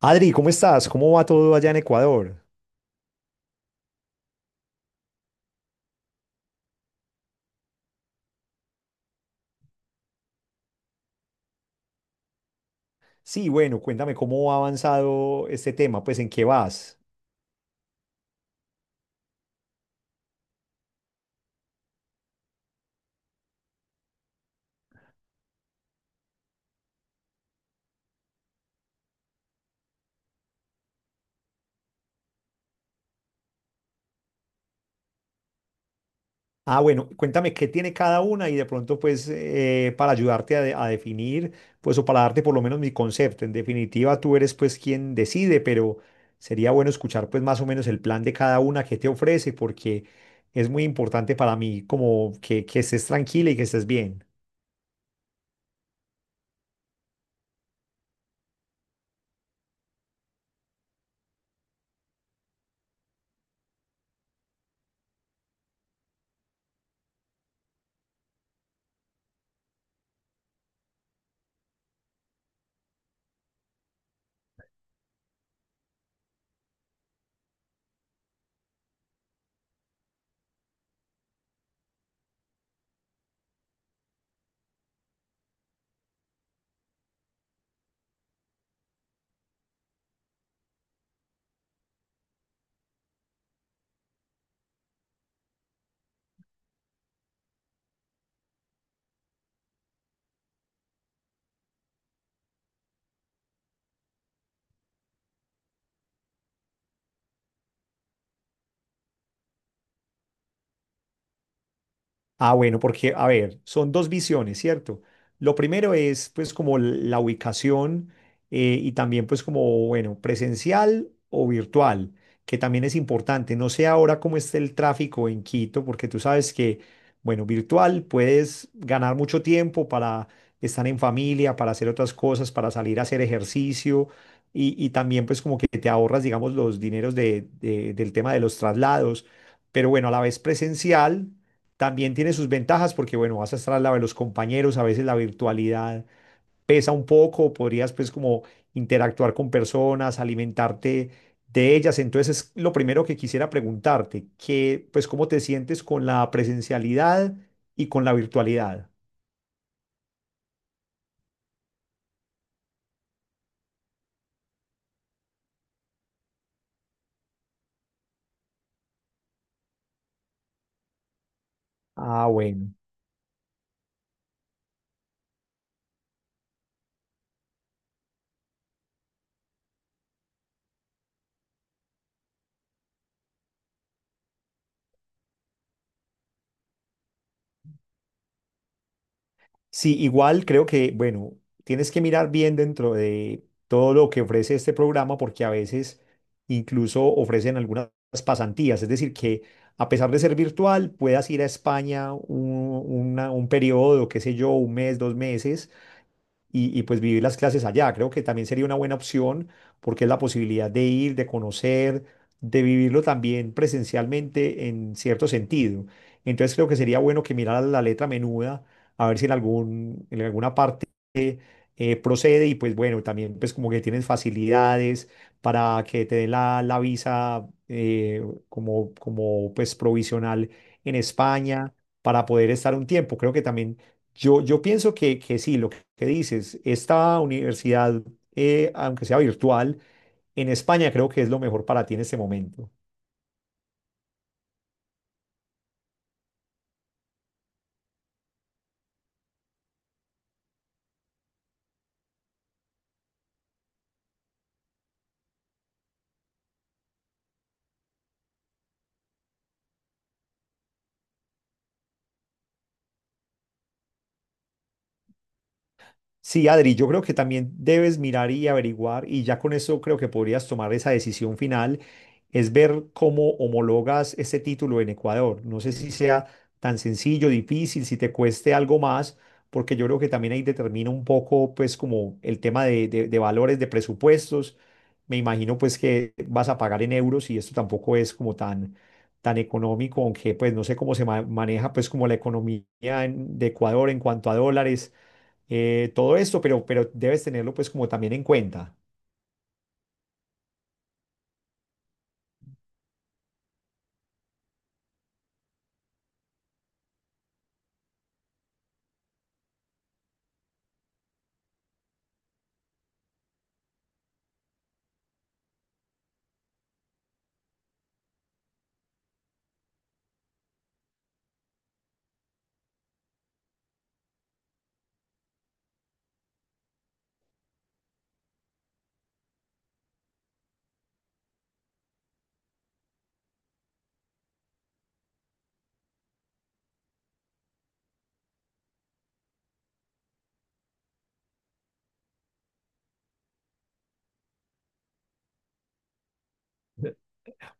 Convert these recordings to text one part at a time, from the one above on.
Adri, ¿cómo estás? ¿Cómo va todo allá en Ecuador? Sí, bueno, cuéntame cómo ha avanzado este tema, pues en qué vas. Ah, bueno, cuéntame qué tiene cada una y de pronto pues para ayudarte a, a definir, pues o para darte por lo menos mi concepto. En definitiva, tú eres pues quien decide, pero sería bueno escuchar pues más o menos el plan de cada una que te ofrece porque es muy importante para mí como que estés tranquila y que estés bien. Ah, bueno, porque, a ver, son dos visiones, ¿cierto? Lo primero es, pues, como la ubicación y también, pues, como, bueno, presencial o virtual, que también es importante. No sé ahora cómo está el tráfico en Quito, porque tú sabes que, bueno, virtual puedes ganar mucho tiempo para estar en familia, para hacer otras cosas, para salir a hacer ejercicio y también, pues, como que te ahorras, digamos, los dineros del tema de los traslados. Pero bueno, a la vez presencial. También tiene sus ventajas porque, bueno, vas a estar al lado de los compañeros, a veces la virtualidad pesa un poco, podrías pues como interactuar con personas, alimentarte de ellas. Entonces, es lo primero que quisiera preguntarte, que pues cómo te sientes con la presencialidad y con la virtualidad. Ah, bueno. Sí, igual creo que, bueno, tienes que mirar bien dentro de todo lo que ofrece este programa porque a veces incluso ofrecen algunas pasantías, es decir, que a pesar de ser virtual, puedas ir a España un periodo, qué sé yo, un mes, dos meses y, pues vivir las clases allá. Creo que también sería una buena opción porque es la posibilidad de ir, de conocer, de vivirlo también presencialmente en cierto sentido. Entonces creo que sería bueno que mirara la letra menuda, a ver si en alguna parte procede y pues bueno, también pues como que tienes facilidades para que te den la, la visa como, como pues provisional en España para poder estar un tiempo. Creo que también yo pienso que sí, lo ¿Qué dices? Esta universidad, aunque sea virtual, en España creo que es lo mejor para ti en este momento. Sí, Adri, yo creo que también debes mirar y averiguar, y ya con eso creo que podrías tomar esa decisión final, es ver cómo homologas este título en Ecuador. No sé si sea tan sencillo, difícil, si te cueste algo más, porque yo creo que también ahí determina un poco, pues, como el tema de, de valores, de presupuestos. Me imagino, pues, que vas a pagar en euros y esto tampoco es como tan, tan económico, aunque, pues, no sé cómo se maneja, pues, como la economía de Ecuador en cuanto a dólares todo esto, pero debes tenerlo pues como también en cuenta.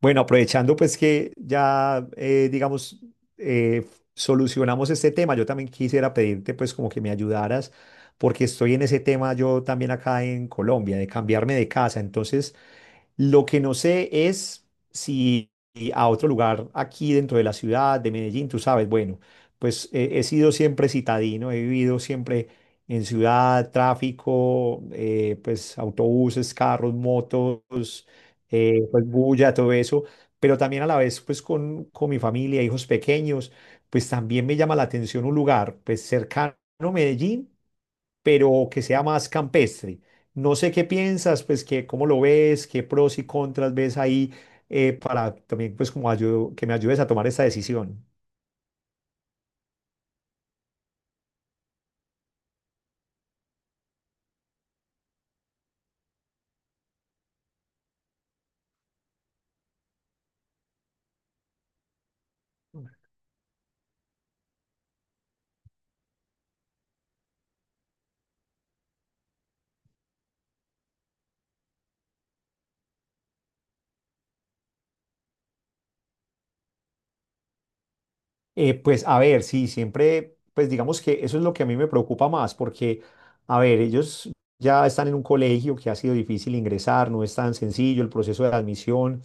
Bueno, aprovechando pues que ya, digamos, eh, solucionamos este tema, yo también quisiera pedirte pues como que me ayudaras, porque estoy en ese tema yo también acá en Colombia, de cambiarme de casa. Entonces, lo que no sé es si a otro lugar aquí dentro de la ciudad de Medellín, tú sabes, bueno, pues he sido siempre citadino, he vivido siempre en ciudad, tráfico, pues autobuses, carros, motos, pues bulla, todo eso, pero también a la vez pues con mi familia, hijos pequeños, pues también me llama la atención un lugar pues cercano a Medellín pero que sea más campestre. No sé qué piensas, pues que cómo lo ves, qué pros y contras ves ahí para también pues como que me ayudes a tomar esta decisión. Pues a ver, sí, siempre, pues digamos que eso es lo que a mí me preocupa más, porque, a ver, ellos ya están en un colegio que ha sido difícil ingresar, no es tan sencillo el proceso de admisión,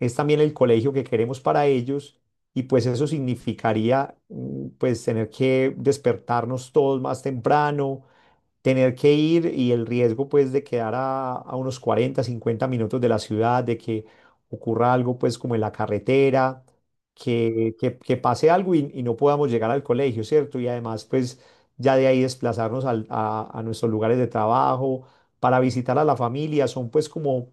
es también el colegio que queremos para ellos y pues eso significaría mm, pues tener que despertarnos todos más temprano, tener que ir y el riesgo pues de quedar a unos 40 o 50 minutos de la ciudad, de que ocurra algo pues como en la carretera, que, que pase algo y no podamos llegar al colegio, ¿cierto? Y además pues ya de ahí desplazarnos a nuestros lugares de trabajo para visitar a la familia, son pues como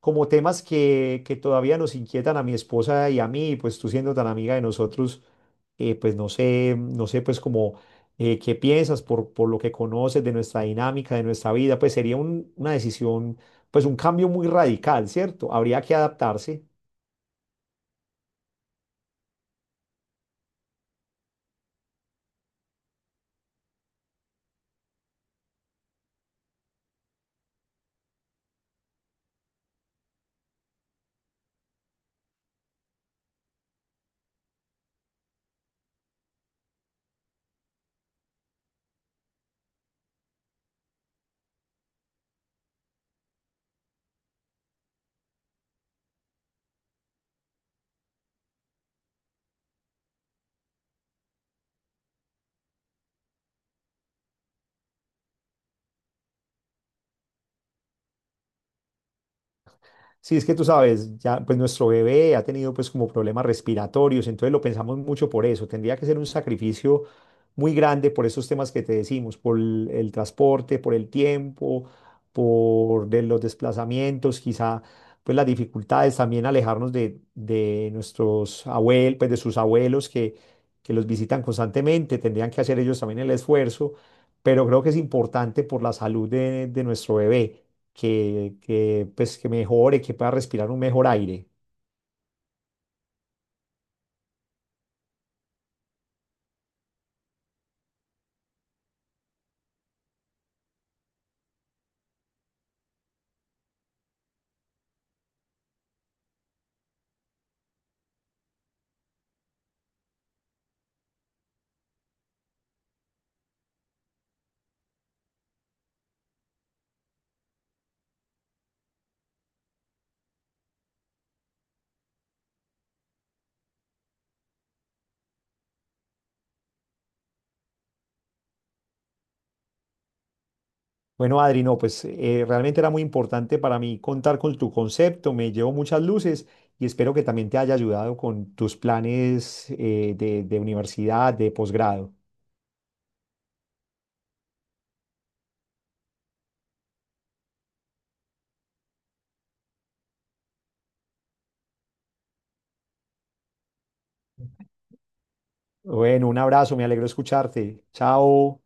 como temas que todavía nos inquietan a mi esposa y a mí, pues tú siendo tan amiga de nosotros, pues no sé, pues como qué piensas por lo que conoces de nuestra dinámica, de nuestra vida, pues sería una decisión, pues un cambio muy radical, ¿cierto? Habría que adaptarse. Sí, es que tú sabes, ya pues nuestro bebé ha tenido pues como problemas respiratorios, entonces lo pensamos mucho por eso, tendría que ser un sacrificio muy grande por esos temas que te decimos, por el transporte, por el tiempo, por de los desplazamientos, quizá pues las dificultades también alejarnos de nuestros abuelos, pues de sus abuelos que los visitan constantemente, tendrían que hacer ellos también el esfuerzo, pero creo que es importante por la salud de nuestro bebé, que, pues, que mejore, que pueda respirar un mejor aire. Bueno, Adri, no, pues realmente era muy importante para mí contar con tu concepto, me llevo muchas luces y espero que también te haya ayudado con tus planes de universidad, de posgrado. Bueno, un abrazo, me alegro escucharte. Chao.